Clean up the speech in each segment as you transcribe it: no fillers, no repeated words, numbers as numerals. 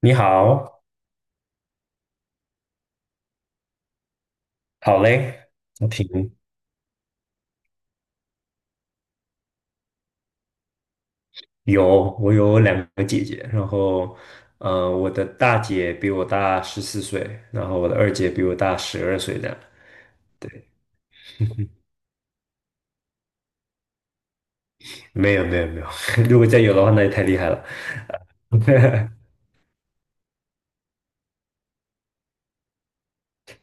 你好，好嘞，我挺我有两个姐姐，然后，我的大姐比我大14岁，然后我的二姐比我大12岁，这样。对，没有没有没有，如果再有的话，那就太厉害了。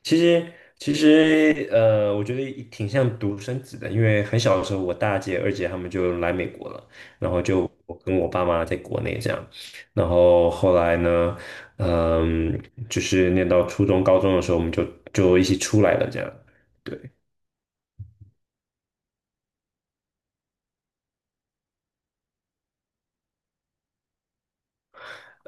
其实其实，我觉得挺像独生子的，因为很小的时候，我大姐、二姐她们就来美国了，然后就我跟我爸妈在国内这样，然后后来呢，嗯，就是念到初中、高中的时候，我们就一起出来了这样，对。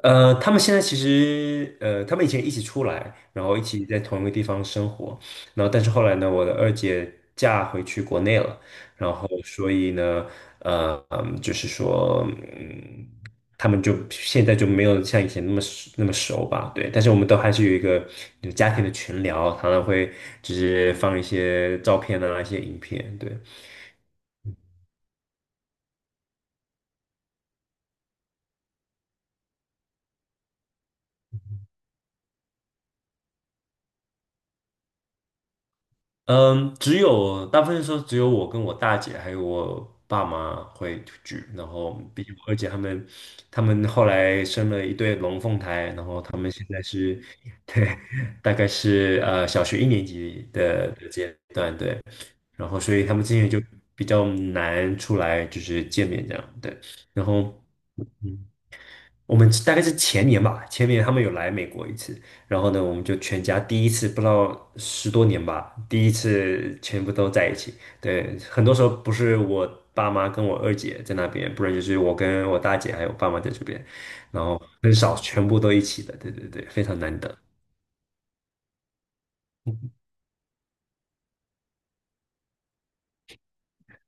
他们现在其实，他们以前一起出来，然后一起在同一个地方生活，然后但是后来呢，我的二姐嫁回去国内了，然后所以呢，就是说，嗯，他们就现在就没有像以前那么熟那么熟吧，对，但是我们都还是有一个有家庭的群聊，常常会就是放一些照片啊，一些影片，对，嗯，大部分时候只有我跟我大姐还有我爸妈会聚，然后毕竟我二姐他们，他们后来生了一对龙凤胎，然后他们现在是，对，大概是小学1年级的阶段，对，然后所以他们之前就比较难出来就是见面这样，对，然后。嗯。我们大概是前年吧，前年他们有来美国一次，然后呢，我们就全家第一次，不知道10多年吧，第一次全部都在一起。对，很多时候不是我爸妈跟我二姐在那边，不然就是我跟我大姐还有爸妈在这边，然后很少全部都一起的。对对对，非常难得。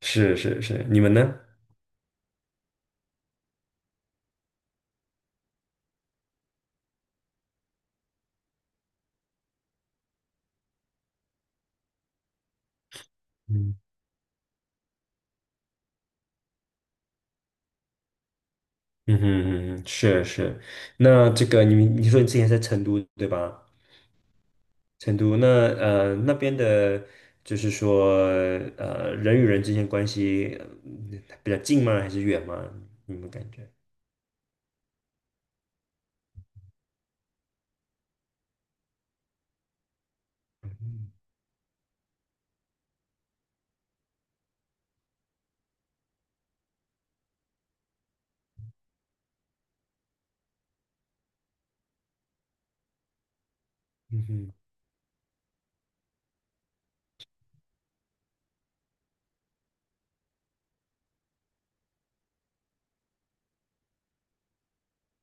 是是是，你们呢？嗯嗯哼嗯哼，是是。那这个你说你之前在成都对吧？成都那边的，就是说人与人之间关系比较近吗？还是远吗？你们感觉？嗯哼，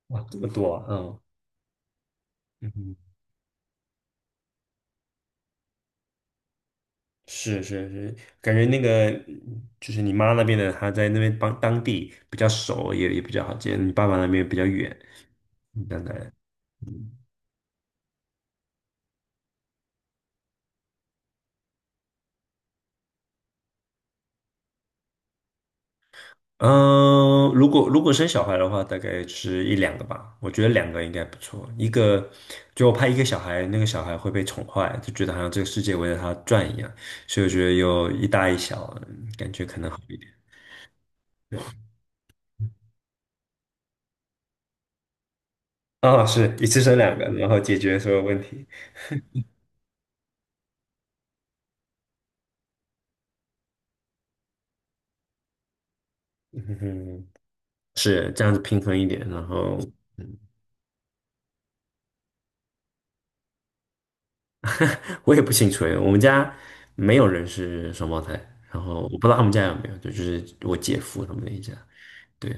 哇，这么多啊，嗯嗯哼，是是是，感觉那个就是你妈那边的，她在那边帮当地比较熟，也比较好接，你爸爸那边比较远，当然。嗯，如果生小孩的话，大概是一两个吧。我觉得两个应该不错。就我怕一个小孩，那个小孩会被宠坏，就觉得好像这个世界围着他转一样。所以我觉得有一大一小，感觉可能好一点。哦，是一次生两个，然后解决所有问题。嗯哼，是这样子平衡一点。然后我也不清楚诶，我们家没有人是双胞胎，然后我不知道他们家有没有，就是我姐夫他们那一家。对，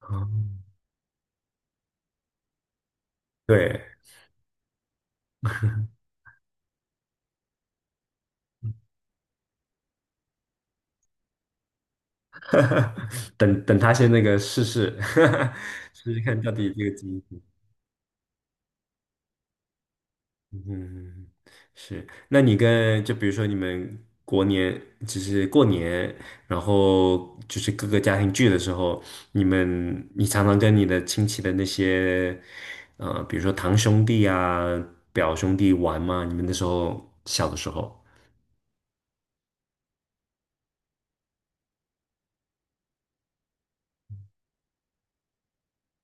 哦对。等等他先那个试试，试试看到底这个基因。嗯，是。那你跟比如说你们过年，就是过年，然后就是各个家庭聚的时候，你常常跟你的亲戚的那些，比如说堂兄弟啊、表兄弟玩吗？你们那时候小的时候，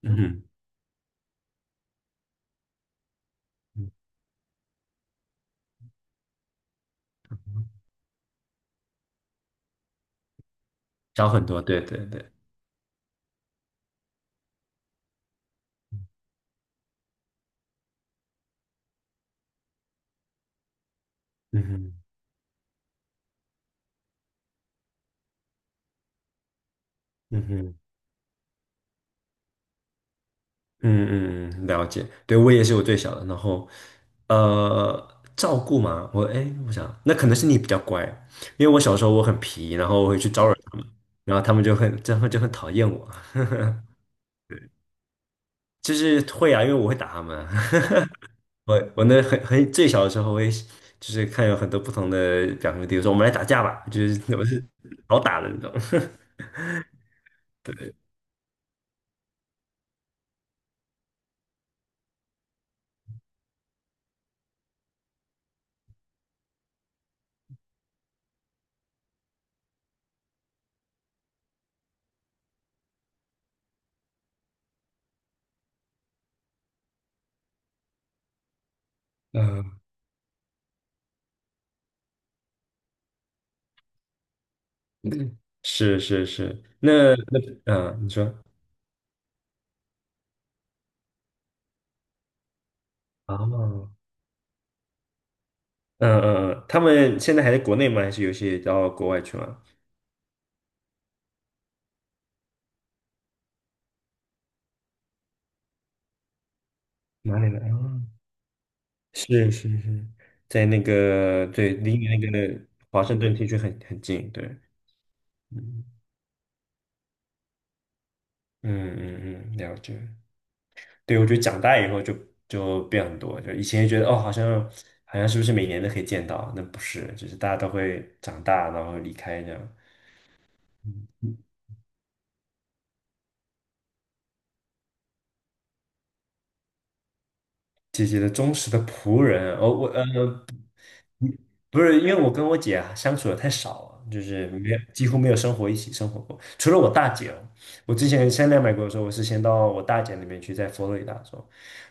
嗯哼，小很多，对对对，嗯哼，嗯哼。嗯嗯，了解。对，我也是我最小的，然后照顾嘛，哎，我想那可能是你比较乖，因为我小时候我很皮，然后我会去招惹他们，然后他们就很讨厌我，就是会啊，因为我会打他们。我那很最小的时候，我也是就是看有很多不同的表兄弟，我说我们来打架吧，就是我是好打的那种。对，嗯，是是是，嗯，你说啊。嗯嗯嗯，他们现在还在国内吗？还是有些到国外去了？哪里来？哦是是是，在那个对，离你那个华盛顿地区很近，对，嗯嗯嗯嗯，了解。对，我觉得长大以后就变很多，就以前觉得哦，好像是不是每年都可以见到？那不是，就是大家都会长大，然后离开这样。姐姐的忠实的仆人，哦，不是因为我跟我姐啊相处的太少了，就是没有几乎没有一起生活过，除了我大姐哦。我之前先来美国的时候，我是先到我大姐那边去，在佛罗里达州。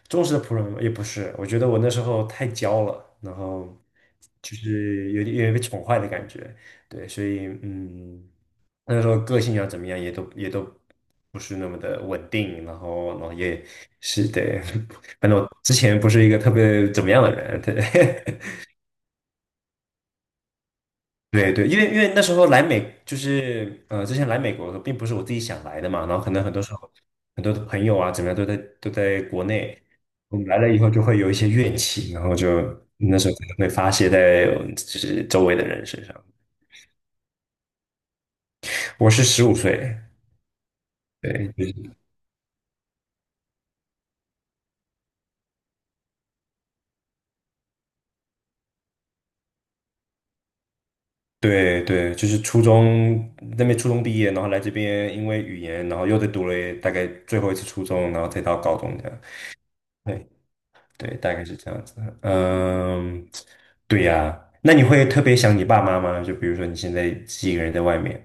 忠实的仆人也不是，我觉得我那时候太娇了，然后就是有点被宠坏的感觉，对，所以那时候个性要怎么样也都不是那么的稳定，然后也是对，反正我之前不是一个特别怎么样的人，对。对对，因为那时候来美就是之前来美国的时候并不是我自己想来的嘛，然后可能很多时候很多的朋友啊，怎么样都在国内，我们来了以后就会有一些怨气，然后就那时候可能会发泄在就是周围的人身上。我是15岁，对，就是对对，就是那边初中毕业，然后来这边因为语言，然后又再读了大概最后一次初中，然后再到高中这样。对对，大概是这样子。嗯，对呀，那你会特别想你爸妈吗？就比如说你现在自己一个人在外面，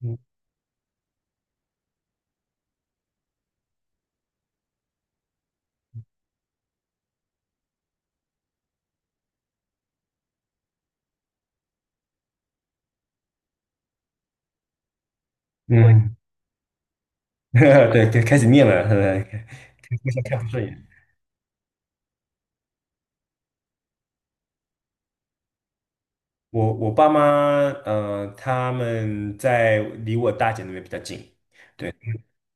嗯，嗯 对，对，开始念了，互相看不顺眼。我爸妈，他们在离我大姐那边比较近，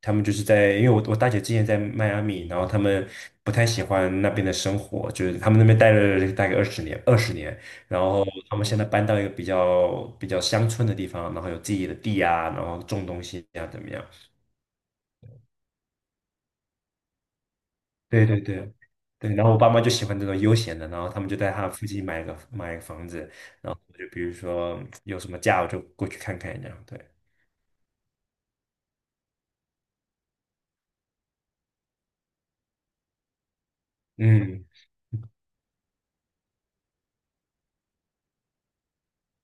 他们就是在，因为我大姐之前在迈阿密，然后他们不太喜欢那边的生活，就是他们那边待了大概二十年，二十年，然后他们现在搬到一个比较乡村的地方，然后有自己的地啊，然后种东西啊，怎么样？对对对对，然后我爸妈就喜欢这种悠闲的，然后他们就在他附近买个房子，然后我就比如说有什么假我就过去看看这样，对，嗯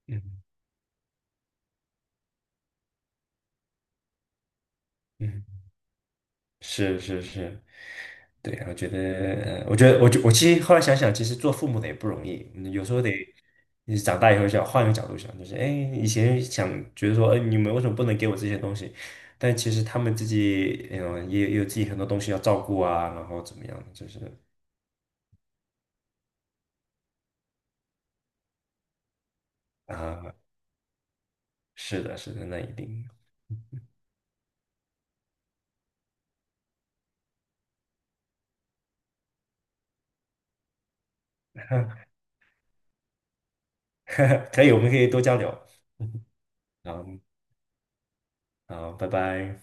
嗯嗯。是是是，对，我觉得，我觉得，我其实后来想想，其实做父母的也不容易，有时候得，你长大以后想换一个角度想，就是哎，以前想觉得说，哎，你们为什么不能给我这些东西？但其实他们自己，也有自己很多东西要照顾啊，然后怎么样，就是啊，是的，是的，那一定，可以，我们可以多交流，然后，然后，拜拜。